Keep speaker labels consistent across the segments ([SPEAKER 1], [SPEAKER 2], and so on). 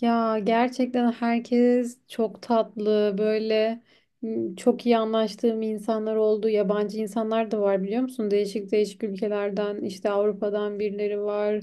[SPEAKER 1] Ya gerçekten herkes çok tatlı böyle çok iyi anlaştığım insanlar oldu. Yabancı insanlar da var biliyor musun? Değişik değişik ülkelerden işte Avrupa'dan birileri var.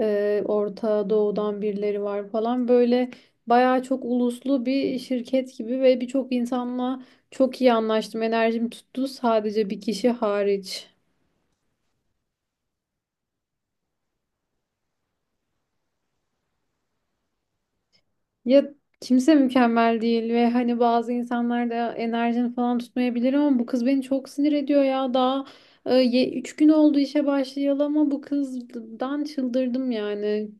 [SPEAKER 1] Orta Doğu'dan birileri var falan. Böyle bayağı çok uluslu bir şirket gibi ve birçok insanla çok iyi anlaştım. Enerjim tuttu sadece bir kişi hariç. Ya kimse mükemmel değil ve hani bazı insanlar da enerjini falan tutmayabilir ama bu kız beni çok sinir ediyor ya. Daha 3 gün oldu işe başlayalı ama bu kızdan çıldırdım yani.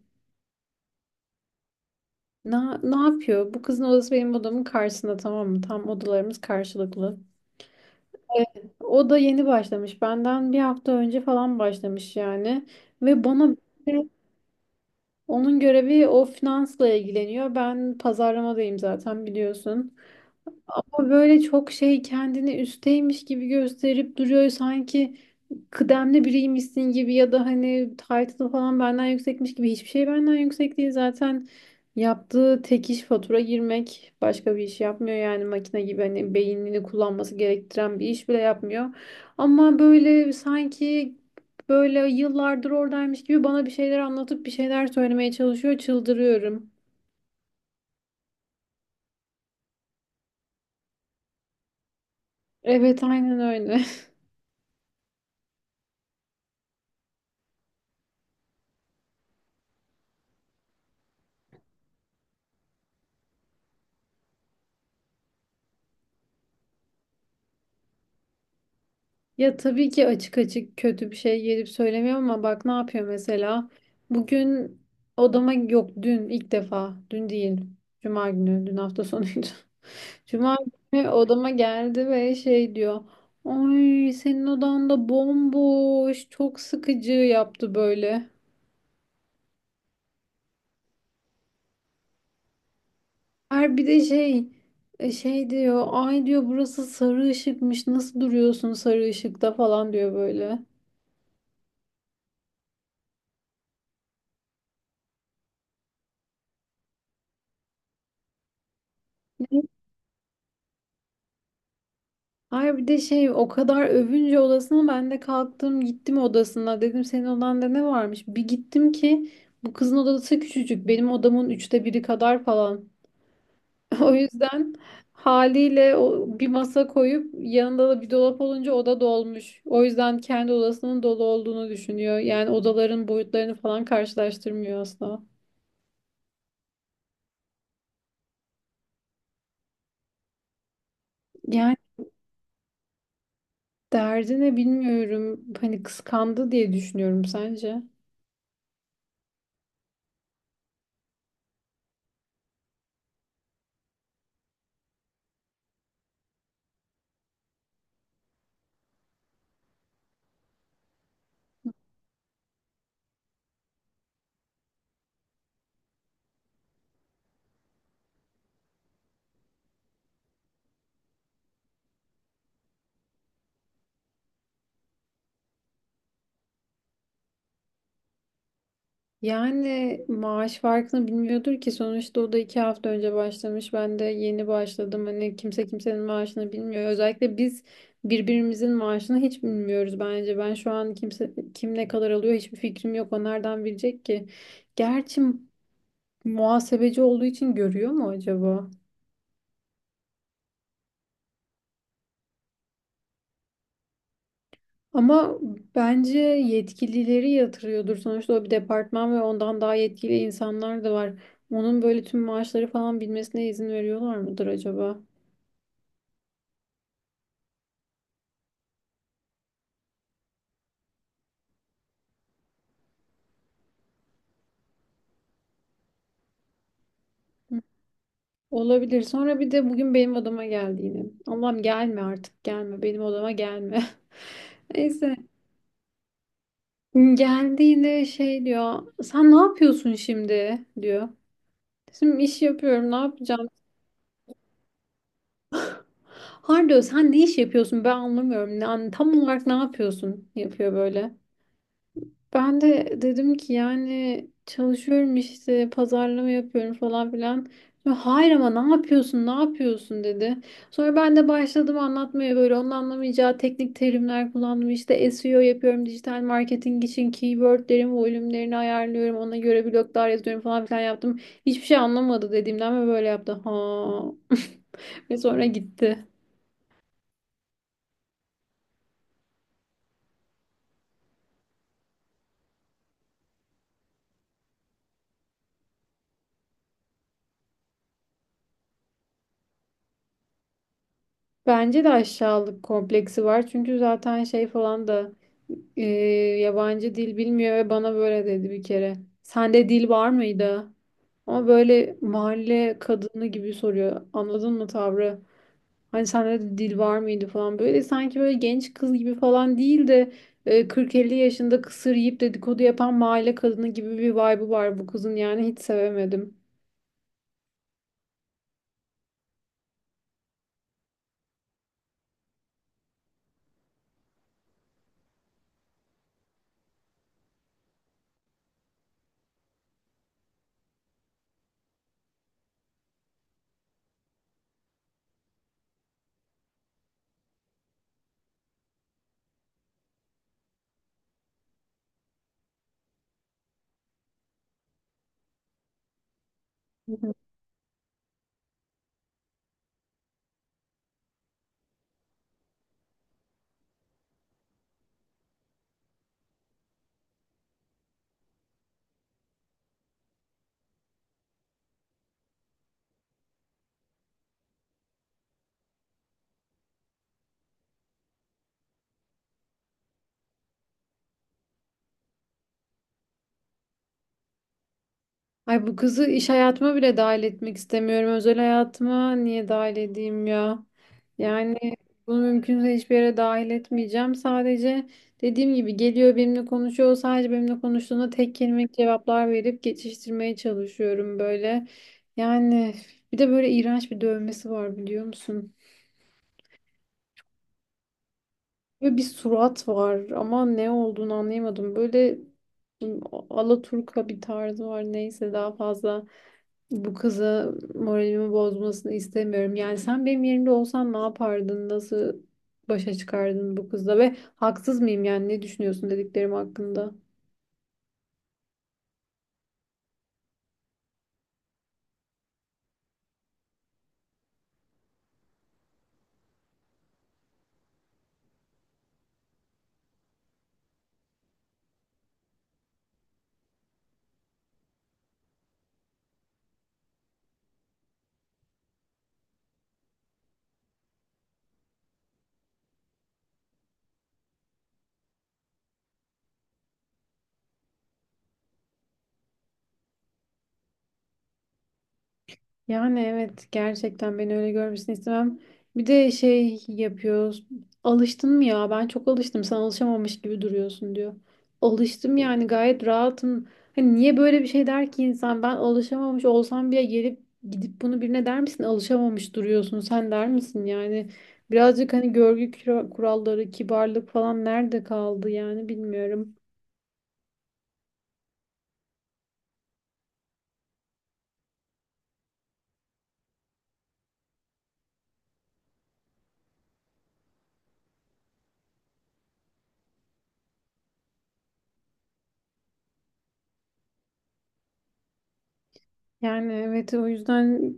[SPEAKER 1] Ne, ne yapıyor? Bu kızın odası benim odamın karşısında, tamam mı? Tam odalarımız karşılıklı. Evet. O da yeni başlamış. Benden bir hafta önce falan başlamış yani. Ve bana Onun görevi o, finansla ilgileniyor. Ben pazarlamadayım zaten, biliyorsun. O böyle çok şey, kendini üsteymiş gibi gösterip duruyor, sanki kıdemli biriymişsin gibi ya da hani title'ı falan benden yüksekmiş gibi. Hiçbir şey benden yüksek değil zaten. Yaptığı tek iş fatura girmek, başka bir iş yapmıyor yani. Makine gibi, hani beynini kullanması gerektiren bir iş bile yapmıyor ama böyle sanki böyle yıllardır oradaymış gibi bana bir şeyler anlatıp bir şeyler söylemeye çalışıyor, çıldırıyorum. Evet, aynen öyle. Ya tabii ki açık açık kötü bir şey gelip söylemiyor ama bak ne yapıyor mesela. Bugün odama, yok dün, ilk defa dün değil. Cuma günü, dün hafta sonuydu. Cuma günü odama geldi ve şey diyor. Ay senin odan da bomboş, çok sıkıcı, yaptı böyle. Bir de şey diyor, ay diyor burası sarı ışıkmış, nasıl duruyorsun sarı ışıkta falan diyor böyle. Hayır bir de şey, o kadar övünce odasına, ben de kalktım gittim odasına, dedim senin odanda ne varmış? Bir gittim ki bu kızın odası küçücük, benim odamın üçte biri kadar falan. O yüzden haliyle o, bir masa koyup yanında da bir dolap olunca oda dolmuş. O yüzden kendi odasının dolu olduğunu düşünüyor. Yani odaların boyutlarını falan karşılaştırmıyor asla. Yani derdi ne bilmiyorum. Hani kıskandı diye düşünüyorum, sence? Yani maaş farkını bilmiyordur ki, sonuçta o da iki hafta önce başlamış, ben de yeni başladım. Hani kimse kimsenin maaşını bilmiyor, özellikle biz birbirimizin maaşını hiç bilmiyoruz bence. Ben şu an kimse, kim ne kadar alıyor hiçbir fikrim yok, o nereden bilecek ki? Gerçi muhasebeci olduğu için görüyor mu acaba? Ama bence yetkilileri yatırıyordur, sonuçta o bir departman ve ondan daha yetkili insanlar da var. Onun böyle tüm maaşları falan bilmesine izin veriyorlar mıdır acaba? Olabilir. Sonra bir de bugün benim odama geldi yine. Allah'ım, gelme artık, gelme. Benim odama gelme. Neyse. Geldi yine, şey diyor. Sen ne yapıyorsun şimdi, diyor. Şimdi iş yapıyorum, ne yapacağım? Har sen ne iş yapıyorsun, ben anlamıyorum. Yani tam olarak ne yapıyorsun? Yapıyor böyle. Ben de dedim ki, yani çalışıyorum işte, pazarlama yapıyorum falan filan. Sonra, hayır ama ne yapıyorsun, ne yapıyorsun, dedi. Sonra ben de başladım anlatmaya, böyle onun anlamayacağı teknik terimler kullandım. İşte SEO yapıyorum, dijital marketing için keywordlerimi, volümlerini ayarlıyorum, ona göre bloglar yazıyorum falan filan yaptım. Hiçbir şey anlamadı dediğimden ve böyle yaptı, ha. Ve sonra gitti. Bence de aşağılık kompleksi var. Çünkü zaten şey falan da e, yabancı dil bilmiyor ve bana böyle dedi bir kere. Sende dil var mıydı? Ama böyle mahalle kadını gibi soruyor. Anladın mı tavrı? Hani sende de dil var mıydı falan. Böyle sanki böyle genç kız gibi falan değil de, e, 40-50 yaşında kısır yiyip dedikodu yapan mahalle kadını gibi bir vibe'ı var bu kızın. Yani hiç sevemedim. Ay bu kızı iş hayatıma bile dahil etmek istemiyorum. Özel hayatıma niye dahil edeyim ya? Yani bunu mümkünse hiçbir yere dahil etmeyeceğim. Sadece dediğim gibi, geliyor benimle konuşuyor. Sadece benimle konuştuğunda tek kelimelik cevaplar verip geçiştirmeye çalışıyorum böyle. Yani bir de böyle iğrenç bir dövmesi var, biliyor musun? Böyle bir surat var ama ne olduğunu anlayamadım. Böyle alaturka bir tarzı var. Neyse, daha fazla bu kıza moralimi bozmasını istemiyorum. Yani sen benim yerimde olsan ne yapardın? Nasıl başa çıkardın bu kızla? Ve haksız mıyım, yani ne düşünüyorsun dediklerim hakkında? Yani evet, gerçekten beni öyle görmesini istemem. Bir de şey yapıyoruz. Alıştın mı ya? Ben çok alıştım. Sen alışamamış gibi duruyorsun, diyor. Alıştım yani, gayet rahatım. Hani niye böyle bir şey der ki insan? Ben alışamamış olsam bile gelip gidip bunu birine der misin? Alışamamış duruyorsun. Sen der misin yani? Birazcık hani görgü kuralları, kibarlık falan nerede kaldı yani, bilmiyorum. Yani evet, o yüzden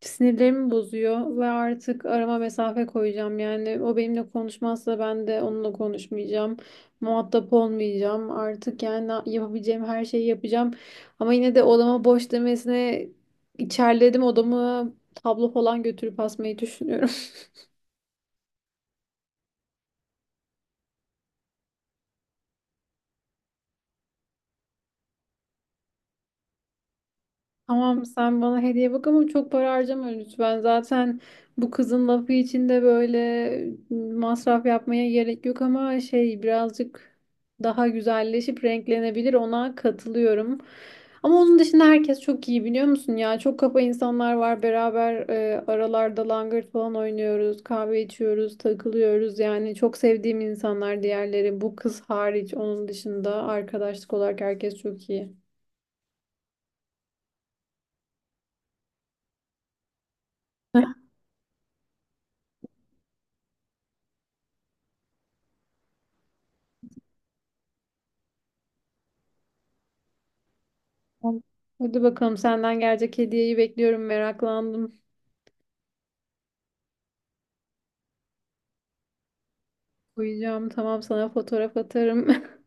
[SPEAKER 1] sinirlerimi bozuyor ve artık arama mesafe koyacağım. Yani o benimle konuşmazsa ben de onunla konuşmayacağım. Muhatap olmayacağım. Artık yani yapabileceğim her şeyi yapacağım. Ama yine de odama boş demesine içerledim. Odamı tablo falan götürüp asmayı düşünüyorum. Tamam, sen bana hediye bak ama çok para harcama lütfen. Zaten bu kızın lafı için de böyle masraf yapmaya gerek yok ama şey, birazcık daha güzelleşip renklenebilir, ona katılıyorum. Ama onun dışında herkes çok iyi, biliyor musun ya? Çok kafa insanlar var, beraber aralarda langırt falan oynuyoruz, kahve içiyoruz, takılıyoruz. Yani çok sevdiğim insanlar diğerleri, bu kız hariç. Onun dışında arkadaşlık olarak herkes çok iyi. Tamam. Hadi bakalım, senden gelecek hediyeyi bekliyorum. Meraklandım. Uyuyacağım. Tamam, sana fotoğraf atarım.